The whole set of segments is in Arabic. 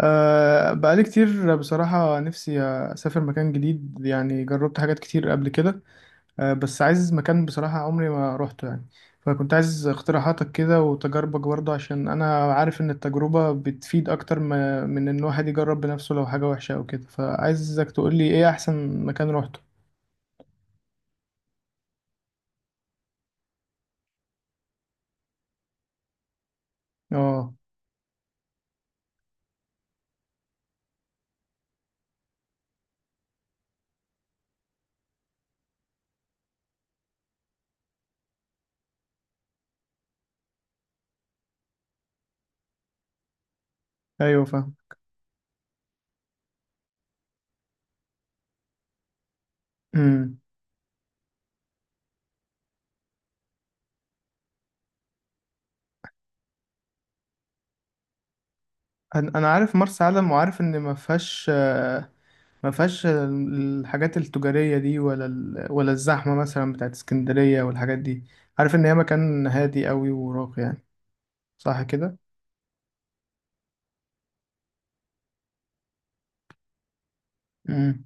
بقالي كتير بصراحة، نفسي أسافر مكان جديد. يعني جربت حاجات كتير قبل كده. بس عايز مكان بصراحة عمري ما روحته يعني. فكنت عايز اقتراحاتك كده وتجاربك برضه، عشان أنا عارف إن التجربة بتفيد أكتر ما من إن الواحد يجرب بنفسه لو حاجة وحشة أو كده. فعايزك تقولي إيه أحسن مكان روحته. اه. أيوه، فاهم. أمم. أنا عارف مرسى علم، وعارف إن ما فيهاش، ما فيهاش الحاجات التجارية دي، ولا ولا الزحمة مثلا بتاعت اسكندرية والحاجات دي. عارف إن هي مكان هادي قوي وراقي يعني. صح كده؟ مم.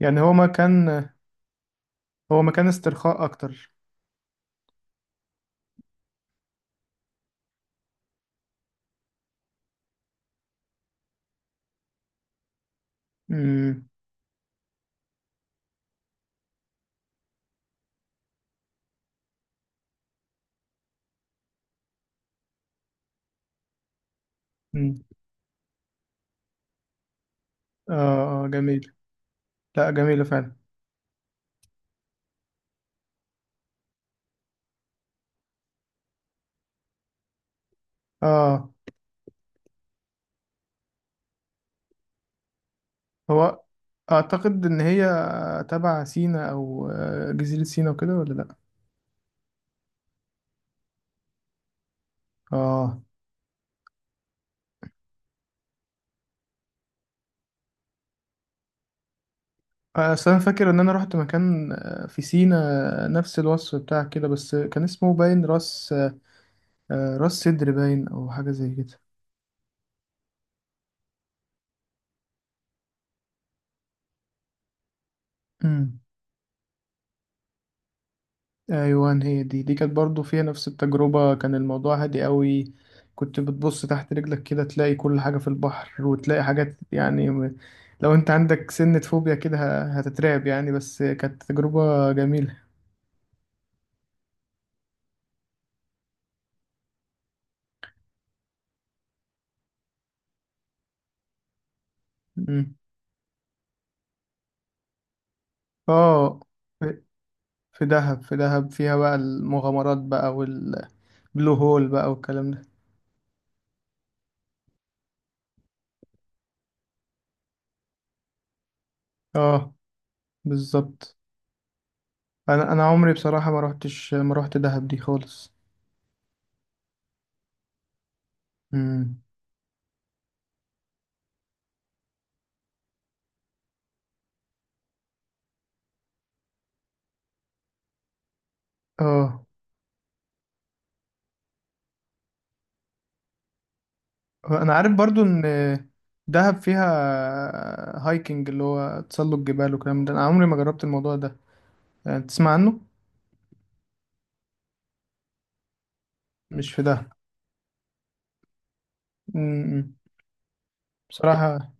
يعني هو مكان استرخاء أكتر. مم. مم. آه. آه، جميل. لا، جميلة فعلا. آه. هو أعتقد إن هي تبع سينا، أو جزيرة سينا وكده، ولا لأ؟ آه. أصل أنا فاكر إن أنا رحت مكان في سينا نفس الوصف بتاع كده، بس كان اسمه باين راس. راس صدر باين او حاجه زي كده. امم. ايوه، هي دي كانت برضو فيها نفس التجربه. كان الموضوع هادي قوي. كنت بتبص تحت رجلك كده تلاقي كل حاجه في البحر، وتلاقي حاجات يعني لو انت عندك سنة فوبيا كده هتترعب يعني. بس كانت تجربه جميله. امم. اه. في في دهب فيها بقى المغامرات بقى والبلو هول بقى والكلام ده. اه، بالظبط. انا عمري بصراحه ما روحت دهب دي خالص. اه. انا عارف برضو ان دهب فيها هايكنج، اللي هو تسلق جبال وكلام ده. انا عمري ما جربت الموضوع ده، يعني تسمع عنه. مش في دهب. م- م. بصراحة،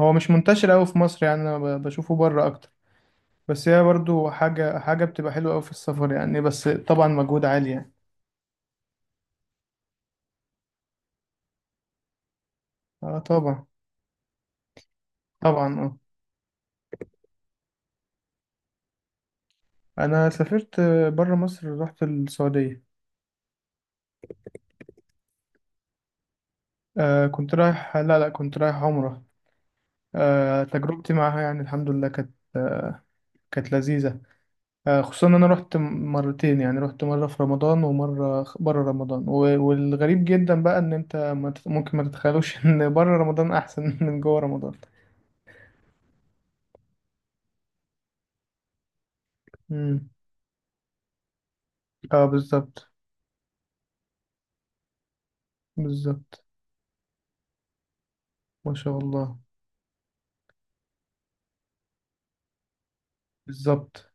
هو مش منتشر قوي في مصر يعني. انا بشوفه بره اكتر. بس هي برضو حاجة حاجة بتبقى حلوة قوي في السفر يعني. بس طبعا مجهود عالي يعني. اه، طبعا. طبعا، اه. انا سافرت بره مصر، رحت السعودية. آه، كنت رايح لا، لا، كنت رايح عمرة. آه. تجربتي معاها يعني الحمد لله كانت، كانت لذيذة. خصوصا إن أنا رحت مرتين. يعني رحت مرة في رمضان ومرة برا رمضان. والغريب جدا بقى إن أنت ما تت- ممكن ما تتخيلوش إن برا رمضان أحسن من جوا رمضان. مم. اه، بالظبط. بالظبط. ما شاء الله. بالظبط.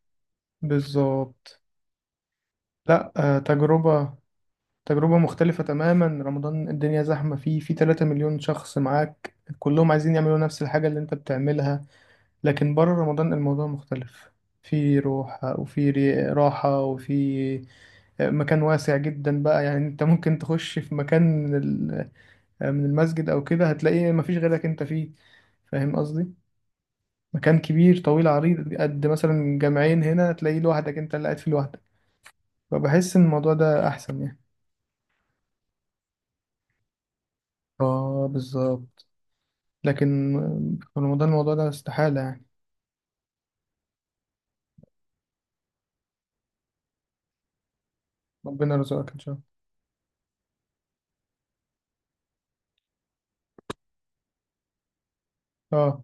بالظبط. لا، تجربة مختلفة تماما. رمضان الدنيا زحمة فيه، في 3 مليون شخص معاك كلهم عايزين يعملوا نفس الحاجة اللي أنت بتعملها. لكن بره رمضان الموضوع مختلف. في روح وفي راحة وفي مكان واسع جدا بقى يعني. انت ممكن تخش في مكان من من المسجد او كده، هتلاقي مفيش غيرك انت فيه. فاهم قصدي؟ مكان كبير طويل عريض قد مثلا جامعين هنا، هتلاقيه لوحدك، انت اللي قاعد فيه لوحدك. فبحس ان الموضوع ده احسن يعني. اه، بالظبط. لكن في رمضان الموضوع ده استحالة يعني. ربنا يرزقك ان شاء الله. اه،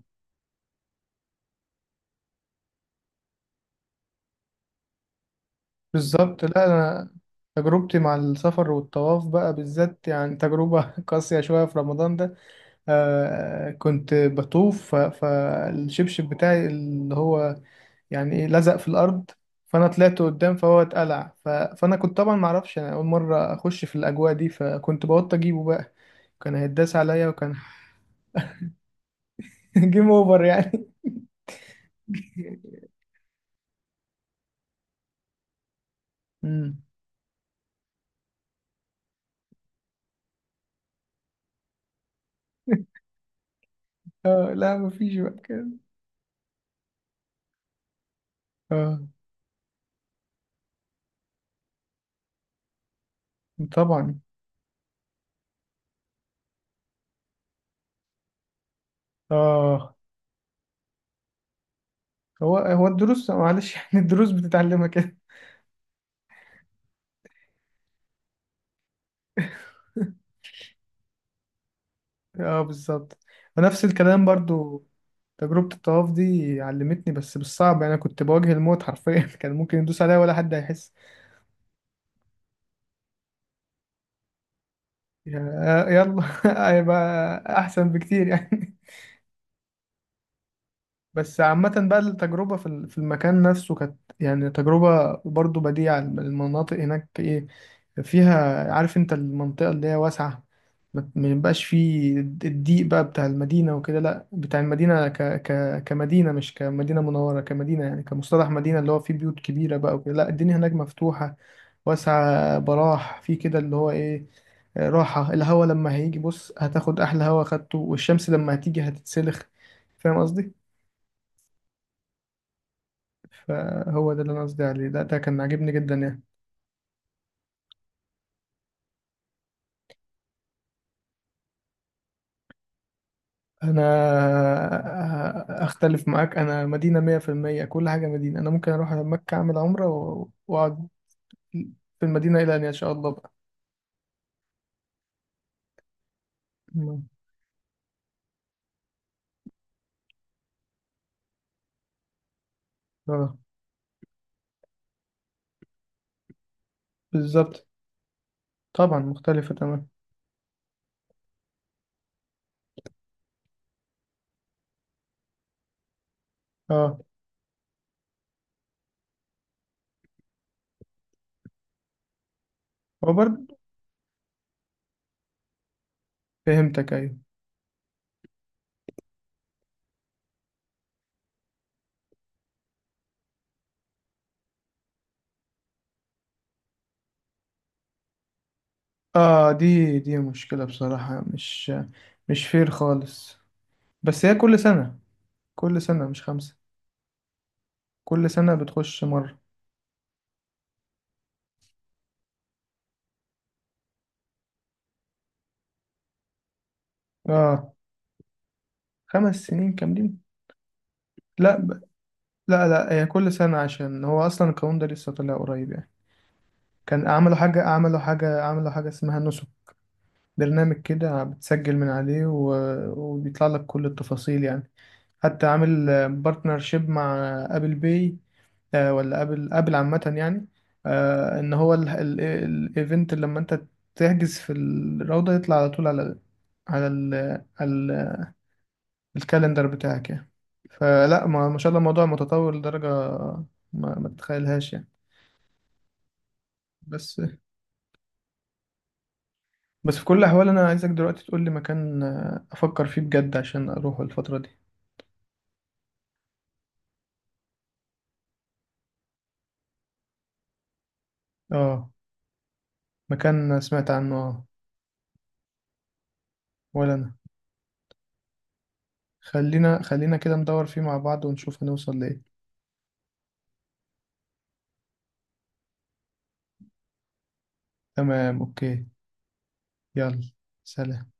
بالظبط. لا، أنا تجربتي مع السفر والطواف بقى بالذات، يعني تجربة قاسية شوية في رمضان ده. آه. كنت بطوف فالشبشب بتاعي اللي هو يعني إيه، لزق في الأرض. فأنا طلعت قدام فهو اتقلع. فأنا كنت طبعا معرفش، أنا أول مرة أخش في الأجواء دي، فكنت بوط أجيبه بقى. كان هيتداس عليا وكان جيم أوفر يعني. مم. آه، لا مفيش بقى كده. آه، طبعا. آه. هو هو الدروس معلش يعني الدروس بتتعلمها كده. اه، بالظبط. ونفس الكلام برضو. تجربة الطواف دي علمتني بس بالصعب يعني. انا كنت بواجه الموت حرفيا كان ممكن يدوس عليا ولا حد هيحس. يلا هيبقى احسن بكتير يعني. بس عامة بقى التجربة في في المكان نفسه كانت يعني تجربة برضو بديعة. المناطق هناك ايه فيها؟ عارف انت المنطقة اللي هي واسعة. ما يبقاش فيه الضيق بقى بتاع المدينة وكده. لا، بتاع المدينة ك ك كمدينة، مش كمدينة منورة، كمدينة يعني كمصطلح مدينة اللي هو فيه بيوت كبيرة بقى وكده. لا، الدنيا هناك مفتوحة واسعة براح في كده اللي هو ايه، راحة الهوا لما هيجي بص هتاخد أحلى هوا خدته، والشمس لما هتيجي هتتسلخ. فاهم قصدي؟ فهو ده اللي انا قصدي عليه. ده كان عاجبني جدا يعني. انا اختلف معاك. انا مدينة مية في المية، كل حاجة مدينة. انا ممكن اروح على مكة اعمل عمرة واقعد في المدينة الى ان يشاء الله بقى. مم. اه، بالظبط. طبعا مختلفة تمام. اه. هو برضه. فهمتك، ايوه. اه، دي مشكلة بصراحة. مش فير خالص. بس هي كل سنة. كل سنة مش خمسة. كل سنة بتخش مرة. اه. خمس سنين كاملين. لا، لا، لا، هي كل سنة، عشان هو أصلا القانون ده لسه طلع قريب يعني. كان عملوا حاجة اسمها نسب، برنامج كده بتسجل من عليه وبيطلع لك كل التفاصيل يعني. حتى عامل بارتنرشيب مع أبل باي، ولا أبل عامة يعني. إن هو الإيفنت اللي لما أنت تحجز في الروضة يطلع على طول على على ال... على ال- الكالندر بتاعك يعني. فلا، ما شاء الله الموضوع متطور لدرجة ما تتخيلهاش يعني. بس بس في كل الأحوال أنا عايزك دلوقتي تقول لي مكان، أفكر فيه بجد عشان أروحه الفترة دي. آه. مكان سمعت عنه. آه، ولا أنا. خلينا خلينا كده ندور فيه مع بعض ونشوف هنوصل لإيه. تمام، أوكي. يلا. سلام.